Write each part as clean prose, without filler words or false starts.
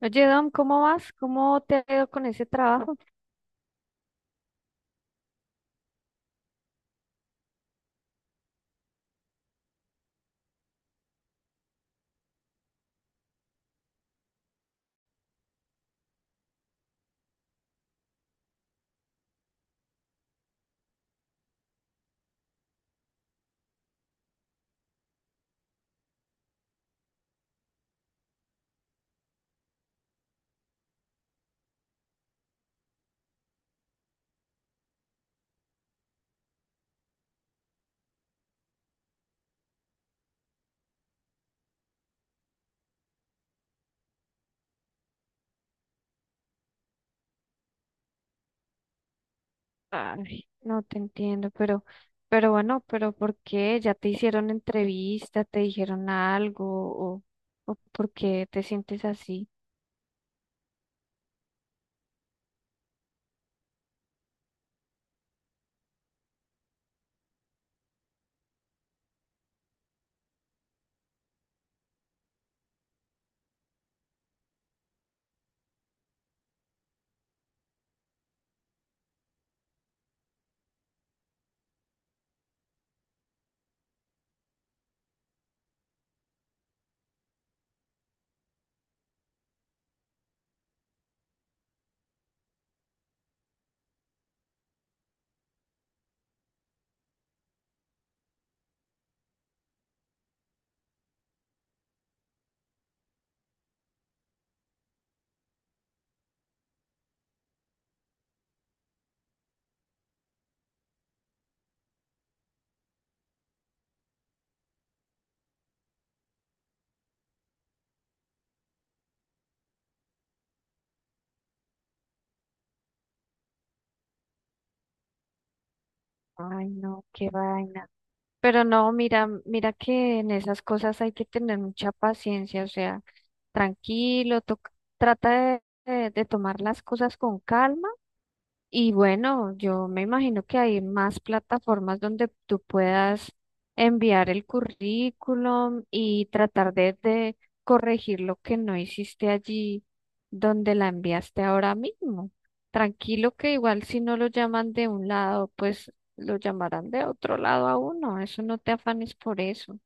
Oye, Dom, ¿cómo vas? ¿Cómo te ha ido con ese trabajo? Ay, no te entiendo, pero bueno, pero ¿por qué? ¿Ya te hicieron entrevista? ¿Te dijeron algo? ¿O por qué te sientes así? Ay, no, qué vaina. Pero no, mira que en esas cosas hay que tener mucha paciencia, o sea, tranquilo, trata de tomar las cosas con calma. Y bueno, yo me imagino que hay más plataformas donde tú puedas enviar el currículum y tratar de corregir lo que no hiciste allí donde la enviaste ahora mismo. Tranquilo que igual si no lo llaman de un lado, pues lo llamarán de otro lado a uno. Eso no te afanes por eso.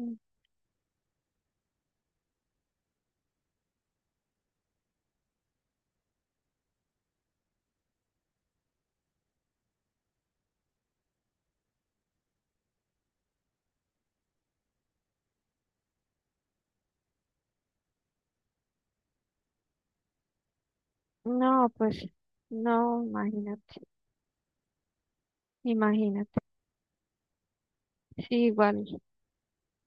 Mm. No, pues no, imagínate, imagínate. Sí, igual.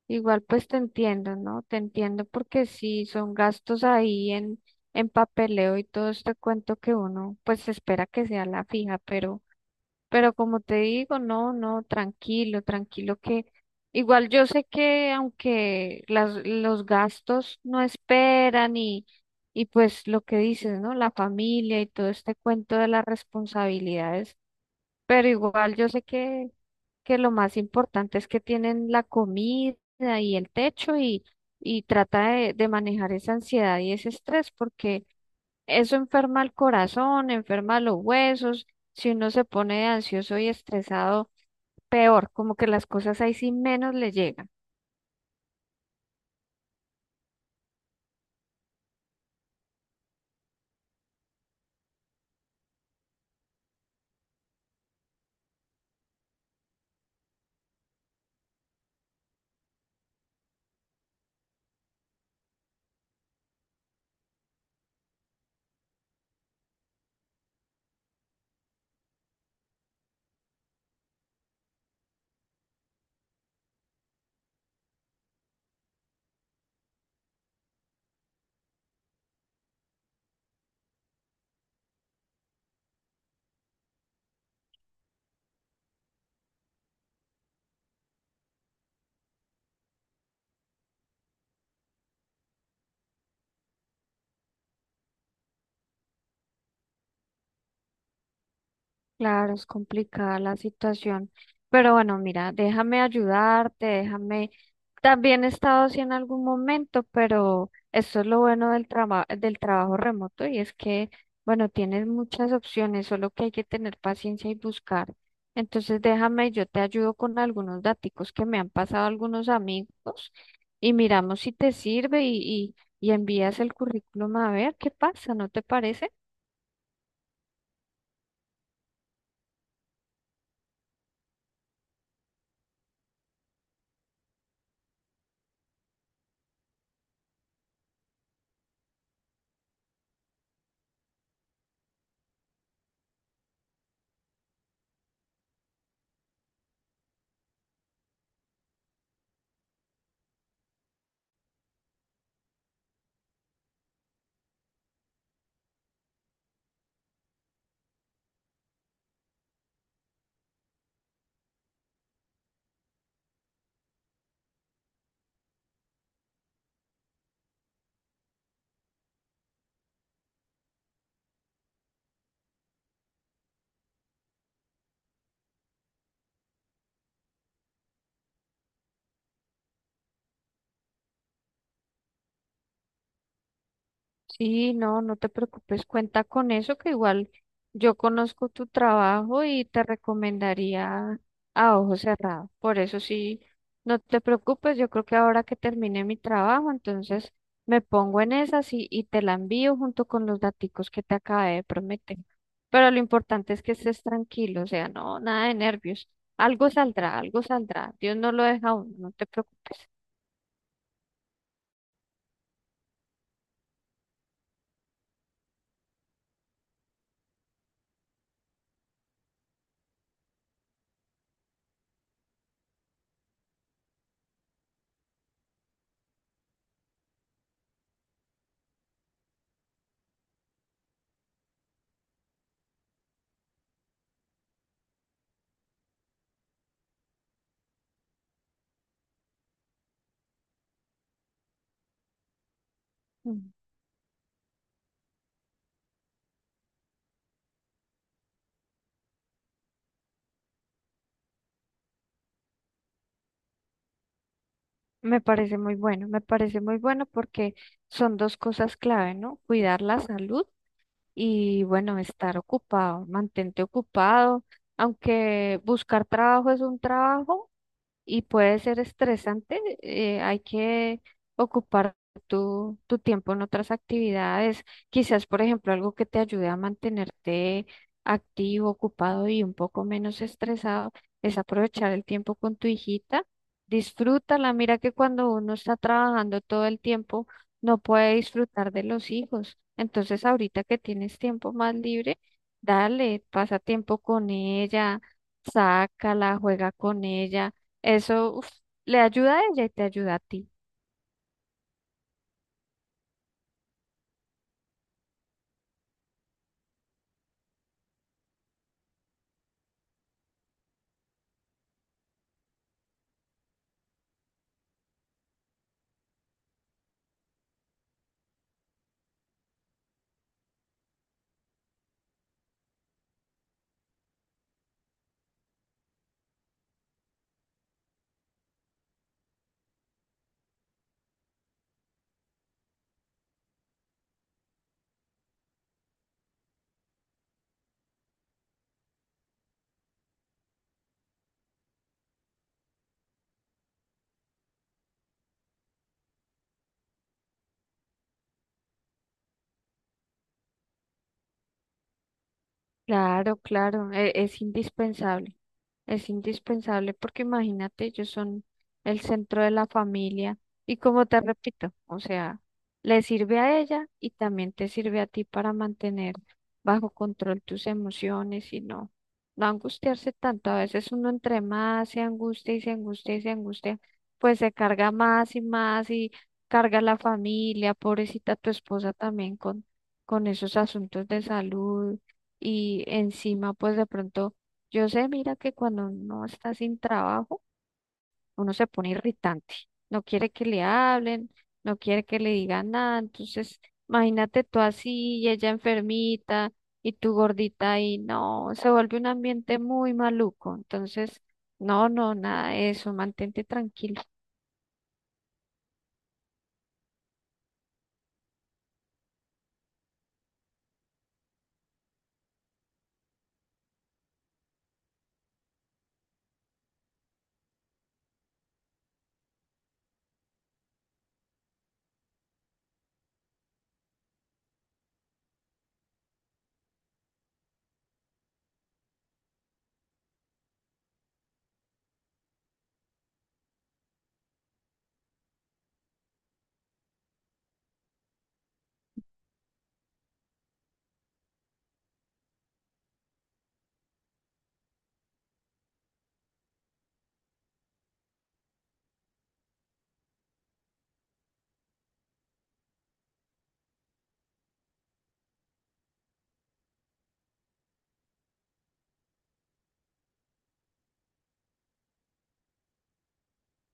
Igual pues te entiendo, ¿no? Te entiendo porque sí son gastos en papeleo y todo este cuento que uno pues espera que sea la fija, pero como te digo, no, no, tranquilo, tranquilo que igual yo sé que aunque los gastos no esperan y pues lo que dices, ¿no? La familia y todo este cuento de las responsabilidades, pero igual yo sé que lo más importante es que tienen la comida y el techo y trata de manejar esa ansiedad y ese estrés, porque eso enferma el corazón, enferma los huesos, si uno se pone ansioso y estresado, peor, como que las cosas ahí sí menos le llegan. Claro, es complicada la situación, pero bueno, mira, déjame ayudarte, déjame. También he estado así en algún momento, pero esto es lo bueno del trabajo remoto y es que, bueno, tienes muchas opciones, solo que hay que tener paciencia y buscar. Entonces, déjame, yo te ayudo con algunos daticos que me han pasado algunos amigos y miramos si te sirve y envías el currículum a ver qué pasa, ¿no te parece? Y no, no te preocupes, cuenta con eso, que igual yo conozco tu trabajo y te recomendaría a ojo cerrado. Por eso sí, no te preocupes, yo creo que ahora que termine mi trabajo, entonces me pongo en esas y te la envío junto con los daticos que te acabé de prometer. Pero lo importante es que estés tranquilo, o sea, no, nada de nervios. Algo saldrá, algo saldrá. Dios no lo deja a uno, no te preocupes. Me parece muy bueno, me parece muy bueno porque son dos cosas clave, ¿no? Cuidar la salud y, bueno, estar ocupado, mantente ocupado, aunque buscar trabajo es un trabajo, y puede ser estresante. Hay que ocupar tu tiempo en otras actividades. Quizás, por ejemplo, algo que te ayude a mantenerte activo, ocupado y un poco menos estresado es aprovechar el tiempo con tu hijita. Disfrútala. Mira que cuando uno está trabajando todo el tiempo, no puede disfrutar de los hijos. Entonces, ahorita que tienes tiempo más libre, dale, pasa tiempo con ella, sácala, juega con ella, eso uf, le ayuda a ella y te ayuda a ti. Claro, claro, es indispensable porque imagínate, ellos son el centro de la familia y como te repito, o sea, le sirve a ella y también te sirve a ti para mantener bajo control tus emociones y no, no angustiarse tanto. A veces uno entre más se angustia y se angustia y se angustia, pues se carga más y más y carga la familia, pobrecita tu esposa también con esos asuntos de salud y encima, pues de pronto, yo sé, mira que cuando uno está sin trabajo, uno se pone irritante, no quiere que le hablen, no quiere que le digan nada. Entonces, imagínate tú así, y ella enfermita, y tú gordita ahí, no, se vuelve un ambiente muy maluco. Entonces, no, no, nada de eso, mantente tranquilo.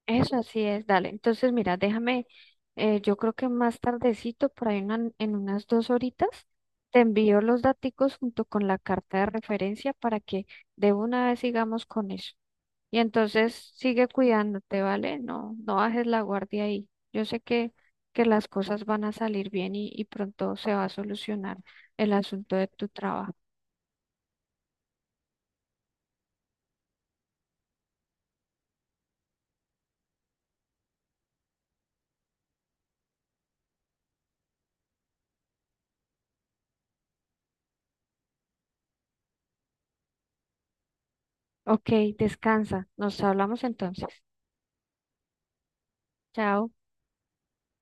Eso así es, dale. Entonces, mira, déjame, yo creo que más tardecito, por ahí en unas 2 horitas, te envío los daticos junto con la carta de referencia para que de una vez sigamos con eso. Y entonces sigue cuidándote, ¿vale? No, no bajes la guardia ahí. Yo sé que las cosas van a salir bien y pronto se va a solucionar el asunto de tu trabajo. Ok, descansa. Nos hablamos entonces. Chao.